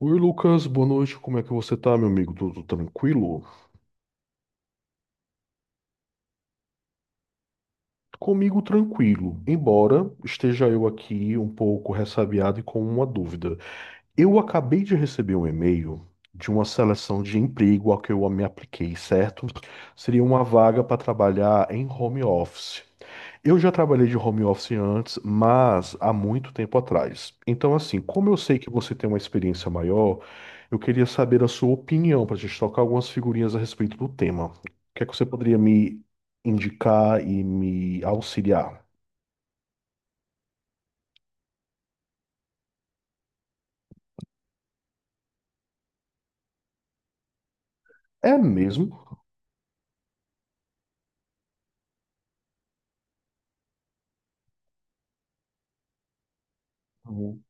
Oi, Lucas, boa noite. Como é que você tá, meu amigo? Tudo tranquilo? Comigo tranquilo, embora esteja eu aqui um pouco ressabiado e com uma dúvida. Eu acabei de receber um e-mail de uma seleção de emprego ao que eu me apliquei, certo? Seria uma vaga para trabalhar em home office. Eu já trabalhei de home office antes, mas há muito tempo atrás. Então, assim, como eu sei que você tem uma experiência maior, eu queria saber a sua opinião para a gente trocar algumas figurinhas a respeito do tema. O que é que você poderia me indicar e me auxiliar? É mesmo? Uhum.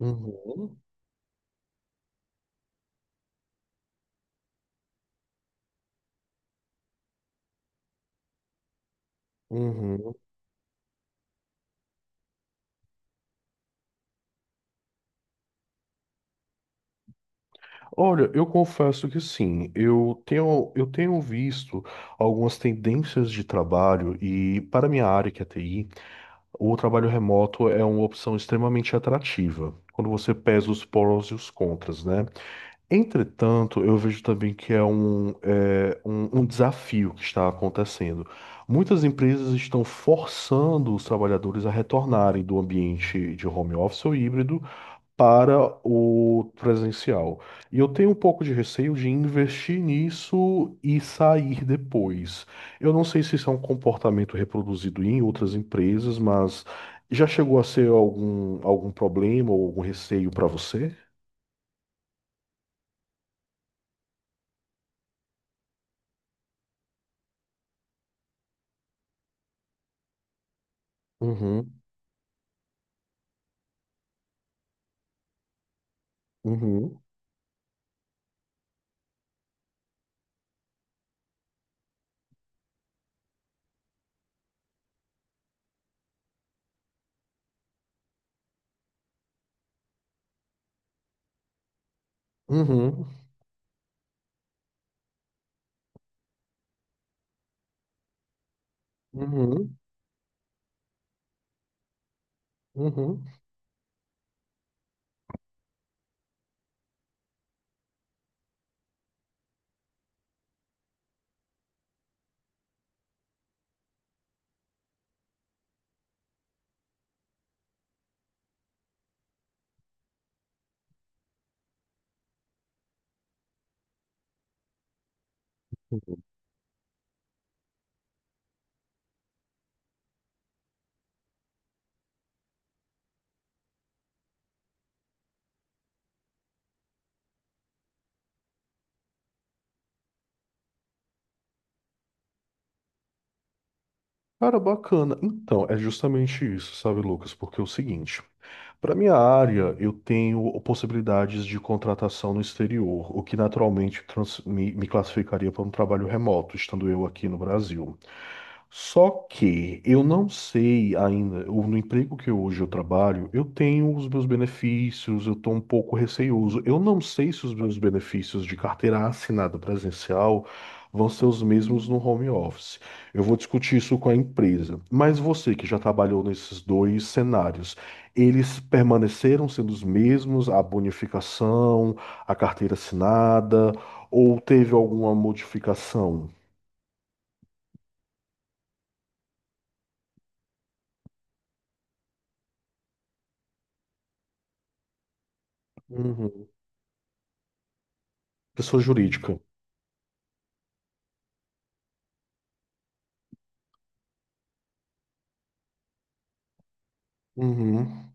Uhum. Uhum. Olha, eu confesso que sim, eu tenho visto algumas tendências de trabalho e, para minha área, que é TI, o trabalho remoto é uma opção extremamente atrativa, quando você pesa os prós e os contras, né? Entretanto, eu vejo também que é um desafio que está acontecendo. Muitas empresas estão forçando os trabalhadores a retornarem do ambiente de home office ou híbrido para o presencial. E eu tenho um pouco de receio de investir nisso e sair depois. Eu não sei se isso é um comportamento reproduzido em outras empresas, mas já chegou a ser algum problema ou algum receio para você? Uhum, uhum, uhum, uhum, uhum. Uhum. Cara, bacana. Então, é justamente isso, sabe, Lucas? Porque é o seguinte. Para minha área, eu tenho possibilidades de contratação no exterior, o que naturalmente me classificaria para um trabalho remoto, estando eu aqui no Brasil. Só que eu não sei ainda, no emprego hoje eu trabalho, eu tenho os meus benefícios, eu estou um pouco receioso. Eu não sei se os meus benefícios de carteira assinada presencial vão ser os mesmos no home office. Eu vou discutir isso com a empresa. Mas você que já trabalhou nesses dois cenários, eles permaneceram sendo os mesmos, a bonificação, a carteira assinada, ou teve alguma modificação? Uhum. Pessoa jurídica. Uhum,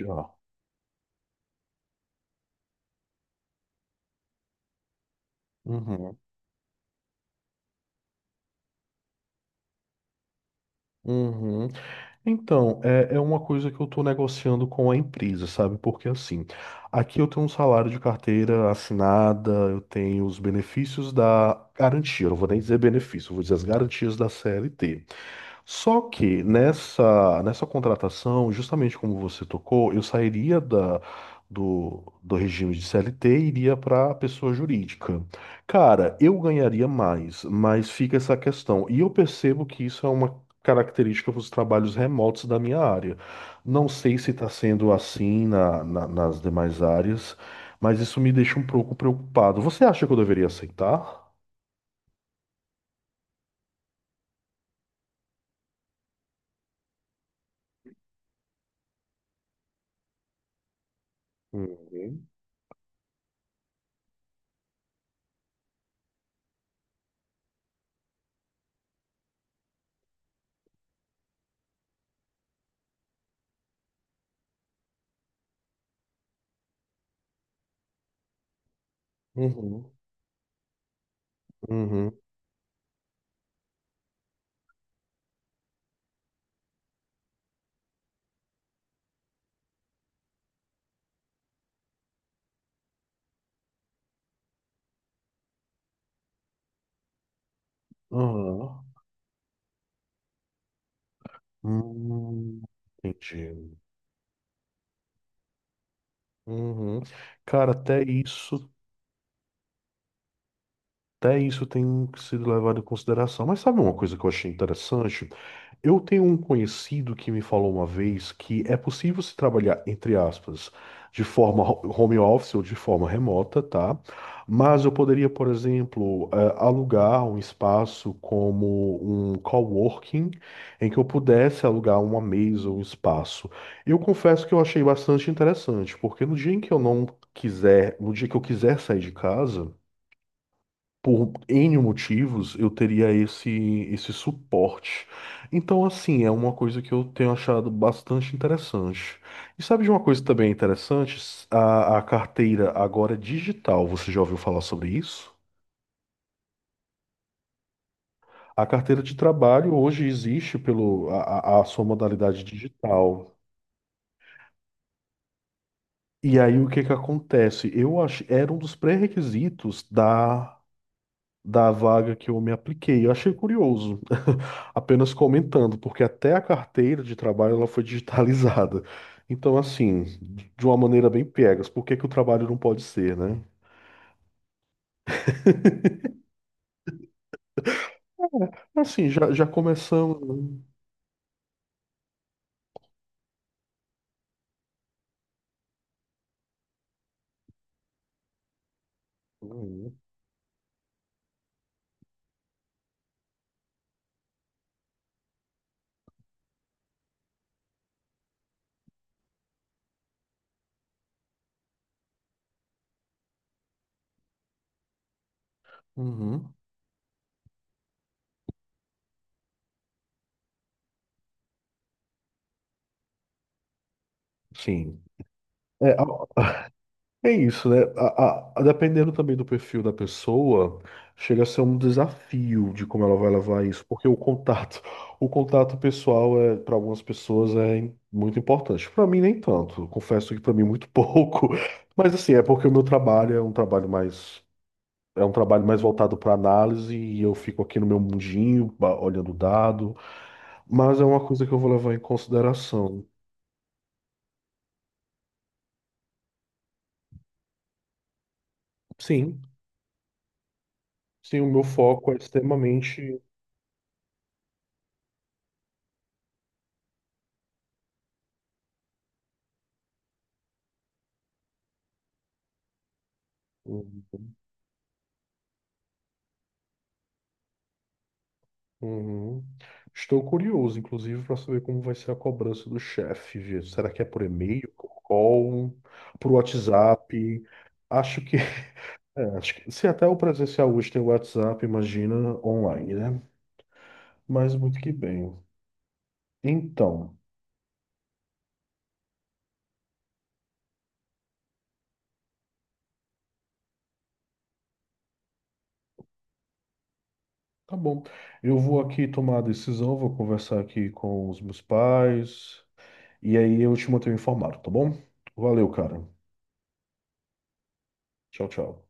já. Uhum, uhum. Então, é uma coisa que eu estou negociando com a empresa, sabe? Porque assim, aqui eu tenho um salário de carteira assinada, eu tenho os benefícios da garantia, eu não vou nem dizer benefício, eu vou dizer as garantias da CLT. Só que nessa contratação, justamente como você tocou, eu sairia da, do regime de CLT e iria para a pessoa jurídica. Cara, eu ganharia mais, mas fica essa questão. E eu percebo que isso é uma característica dos trabalhos remotos da minha área. Não sei se está sendo assim na, nas demais áreas, mas isso me deixa um pouco preocupado. Você acha que eu deveria aceitar? Uhum. Uhum. Uhum. Uhum. Hum, entendi. Uhum. Cara, até isso tem sido levado em consideração. Mas sabe uma coisa que eu achei interessante? Eu tenho um conhecido que me falou uma vez que é possível se trabalhar, entre aspas, de forma home office ou de forma remota, tá? Mas eu poderia, por exemplo, alugar um espaço como um coworking, em que eu pudesse alugar uma mesa ou um espaço. Eu confesso que eu achei bastante interessante, porque no dia em que eu não quiser, no dia que eu quiser sair de casa, por N motivos, eu teria esse suporte. Então, assim, é uma coisa que eu tenho achado bastante interessante. E sabe de uma coisa também interessante? A carteira agora é digital. Você já ouviu falar sobre isso? A carteira de trabalho hoje existe pelo a, a sua modalidade digital. E aí o que que acontece? Eu acho, era um dos pré-requisitos da da vaga que eu me apliquei. Eu achei curioso, apenas comentando, porque até a carteira de trabalho ela foi digitalizada. Então, assim, de uma maneira bem piegas, por que que o trabalho não pode ser, né? Assim, já começamos. Uhum. Uhum. Sim. É, é isso, né? Dependendo também do perfil da pessoa, chega a ser um desafio de como ela vai levar isso, porque o contato pessoal é para algumas pessoas muito importante. Para mim nem tanto. Confesso que para mim muito pouco. Mas assim, é porque o meu trabalho é um trabalho mais é um trabalho mais voltado para análise e eu fico aqui no meu mundinho, olhando o dado, mas é uma coisa que eu vou levar em consideração. Sim, sim, o meu foco é extremamente hum. Uhum. Estou curioso, inclusive, para saber como vai ser a cobrança do chefe, viu? Será que é por e-mail, por call, por WhatsApp? Acho que, acho que se até o presencial hoje tem WhatsApp, imagina online, né? Mas muito que bem. Então, tá bom. Eu vou aqui tomar a decisão, vou conversar aqui com os meus pais e aí eu te mantenho informado, tá bom? Valeu, cara. Tchau, tchau.